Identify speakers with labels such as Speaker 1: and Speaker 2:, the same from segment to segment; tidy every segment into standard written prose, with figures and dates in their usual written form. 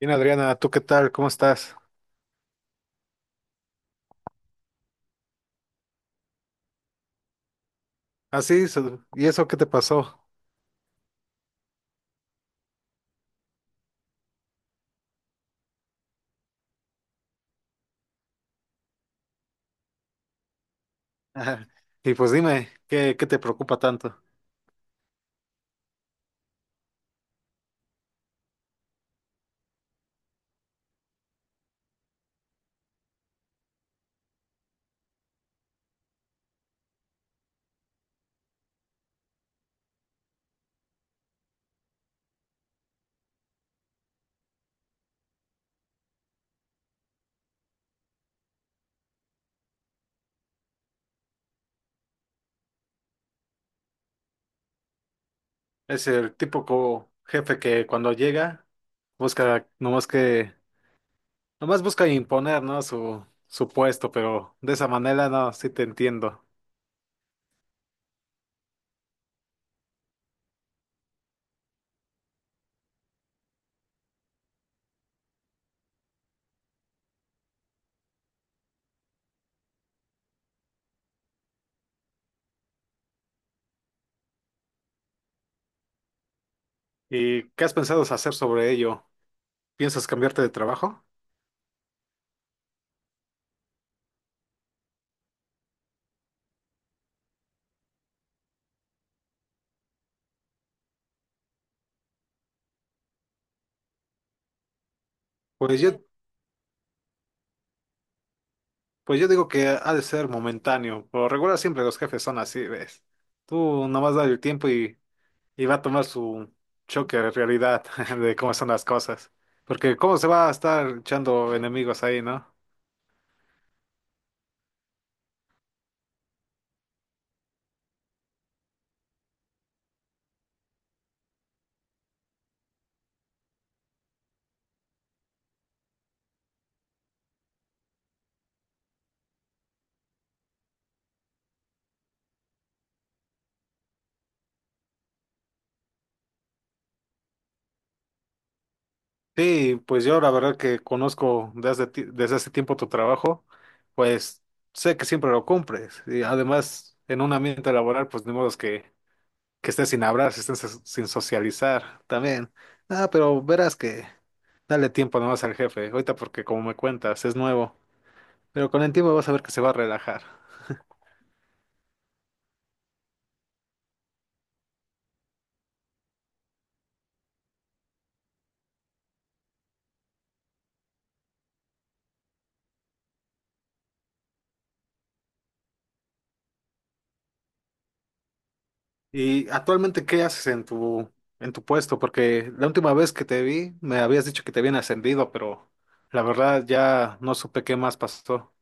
Speaker 1: Bien, Adriana, ¿tú qué tal? ¿Cómo estás? Ah, sí, ¿y eso qué te pasó? Ajá. Y pues dime, ¿qué te preocupa tanto? Es el típico jefe que cuando llega busca, nomás busca imponer, ¿no? Su puesto, pero de esa manera no, sí te entiendo. ¿Y qué has pensado hacer sobre ello? ¿Piensas cambiarte de trabajo? Pues yo, pues yo digo que ha de ser momentáneo. Por lo regular siempre los jefes son así, ¿ves? Tú nomás da el tiempo y va a tomar su choque de realidad de cómo son las cosas. Porque cómo se va a estar echando enemigos ahí, ¿no? Sí, pues yo la verdad que conozco desde hace tiempo tu trabajo, pues sé que siempre lo cumples. Y además, en un ambiente laboral, pues ni modo es que estés sin hablar, si estés sin socializar también. Ah, pero verás que dale tiempo nomás al jefe, ahorita porque como me cuentas, es nuevo. Pero con el tiempo vas a ver que se va a relajar. ¿Y actualmente qué haces en tu puesto? Porque la última vez que te vi me habías dicho que te habían ascendido, pero la verdad ya no supe qué más pasó.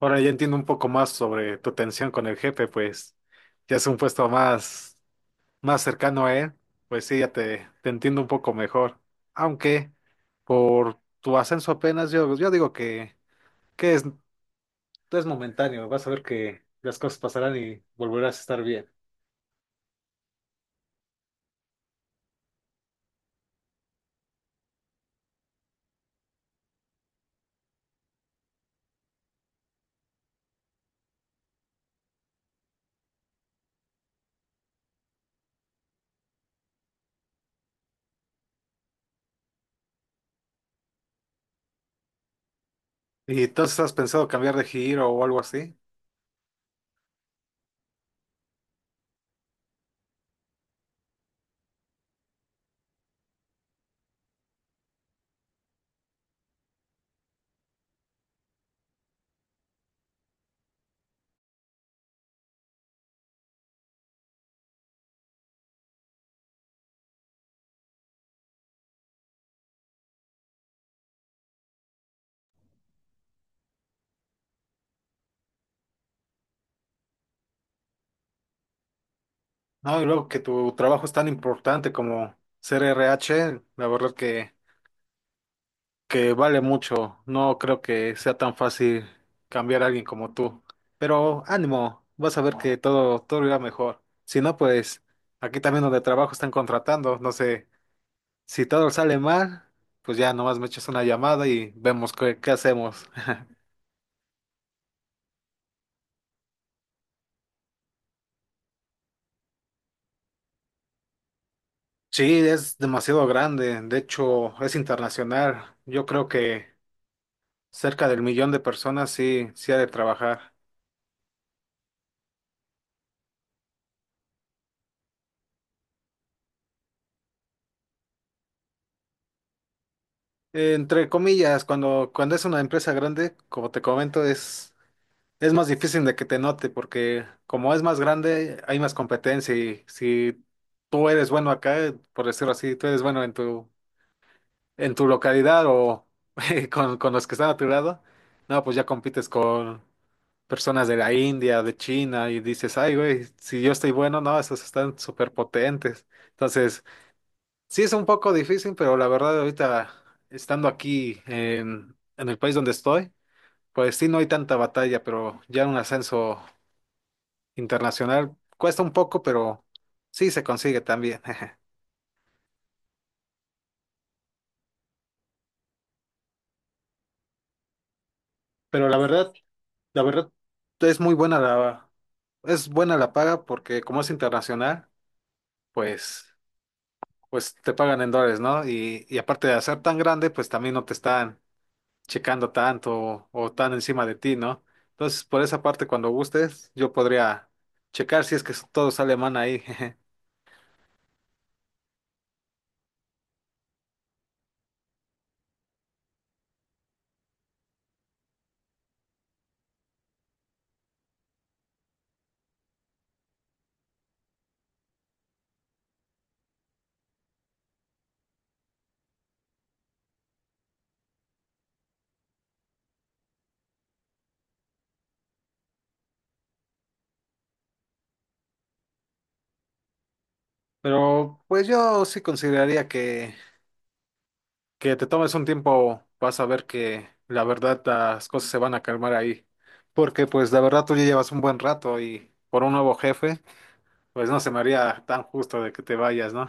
Speaker 1: Ahora ya entiendo un poco más sobre tu tensión con el jefe, pues ya es un más cercano a él, pues sí, te entiendo un poco mejor. Aunque por tu ascenso apenas yo digo que es momentáneo, vas a ver que las cosas pasarán y volverás a estar bien. ¿Y entonces has pensado cambiar de giro o algo así? No, y luego que tu trabajo es tan importante como ser RH, la verdad que vale mucho. No creo que sea tan fácil cambiar a alguien como tú. Pero ánimo, vas a ver que todo irá mejor. Si no, pues aquí también donde trabajo están contratando. No sé, si todo sale mal, pues ya nomás me echas una llamada y vemos qué hacemos. Sí, es demasiado grande. De hecho, es internacional. Yo creo que... Cerca del millón de personas sí, sí ha de trabajar. Entre comillas, cuando es una empresa grande, como te comento, es más difícil de que te note porque como es más grande, hay más competencia y si tú eres bueno acá, por decirlo así, tú eres bueno en tu localidad o con los que están a tu lado, no, pues ya compites con personas de la India, de China y dices, ay, güey, si yo estoy bueno, no, esos están súper potentes. Entonces... Sí, es un poco difícil, pero la verdad ahorita estando aquí en el país donde estoy, pues sí, no hay tanta batalla, pero ya un ascenso internacional cuesta un poco, pero sí se consigue también. Pero la verdad es muy buena es buena la paga porque como es internacional, pues, pues te pagan en dólares, ¿no? Y aparte de ser tan grande, pues también no te están checando tanto o tan encima de ti, ¿no? Entonces, por esa parte, cuando gustes, yo podría checar si es que todo sale mal ahí. jeje. Pero pues yo sí consideraría que te tomes un tiempo, vas a ver que la verdad las cosas se van a calmar ahí. Porque pues la verdad tú ya llevas un buen rato y por un nuevo jefe, pues no se me haría tan justo de que te vayas, ¿no?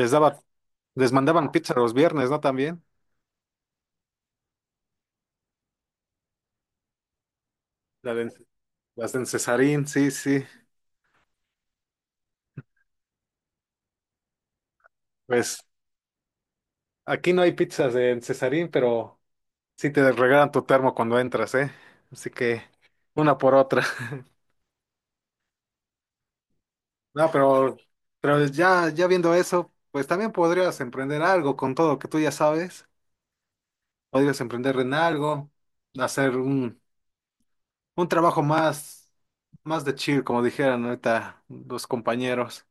Speaker 1: Les daba, les mandaban pizza los viernes, ¿no? También, la de- las de Cesarín, sí, sí. Pues aquí no hay pizzas en Cesarín, pero sí te regalan tu termo cuando entras, ¿eh? Así que una por otra. No, pero ya viendo eso, pues también podrías emprender algo con todo lo que tú ya sabes. Podrías emprender en algo, hacer un trabajo más de chill, como dijeran ahorita los compañeros.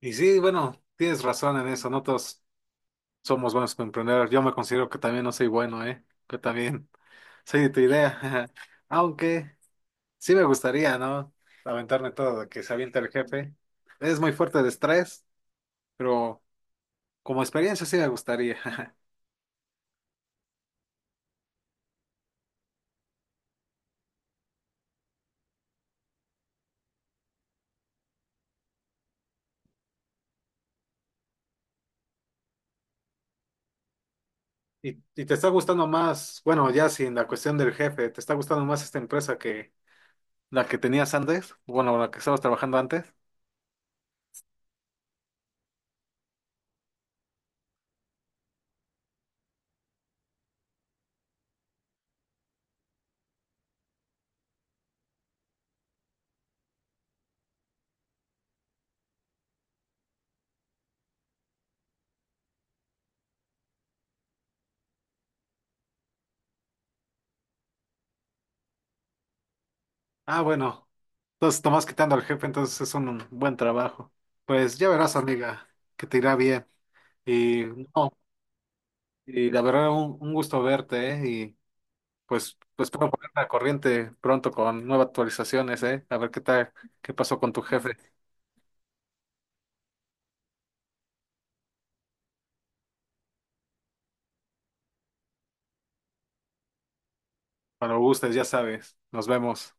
Speaker 1: Y sí, bueno, tienes razón en eso. Nosotros somos buenos para emprender. Yo me considero que también no soy bueno, ¿eh? Que también soy de tu idea. Aunque, sí me gustaría, ¿no? Aventarme todo lo que se avienta el jefe. Es muy fuerte de estrés, pero como experiencia sí me gustaría. ¿Y, y te está gustando más, bueno, ya sin la cuestión del jefe, te está gustando más esta empresa que la que tenías antes? Bueno, la que estabas trabajando antes. Ah, bueno, entonces tomás quitando al jefe, entonces es un buen trabajo. Pues ya verás, amiga, que te irá bien. Y no, y la verdad, un gusto verte, ¿eh? Pues, pues espero ponerte la corriente pronto con nuevas actualizaciones, ¿eh? A ver qué tal, qué pasó con tu jefe. Cuando gustes, ya sabes. Nos vemos.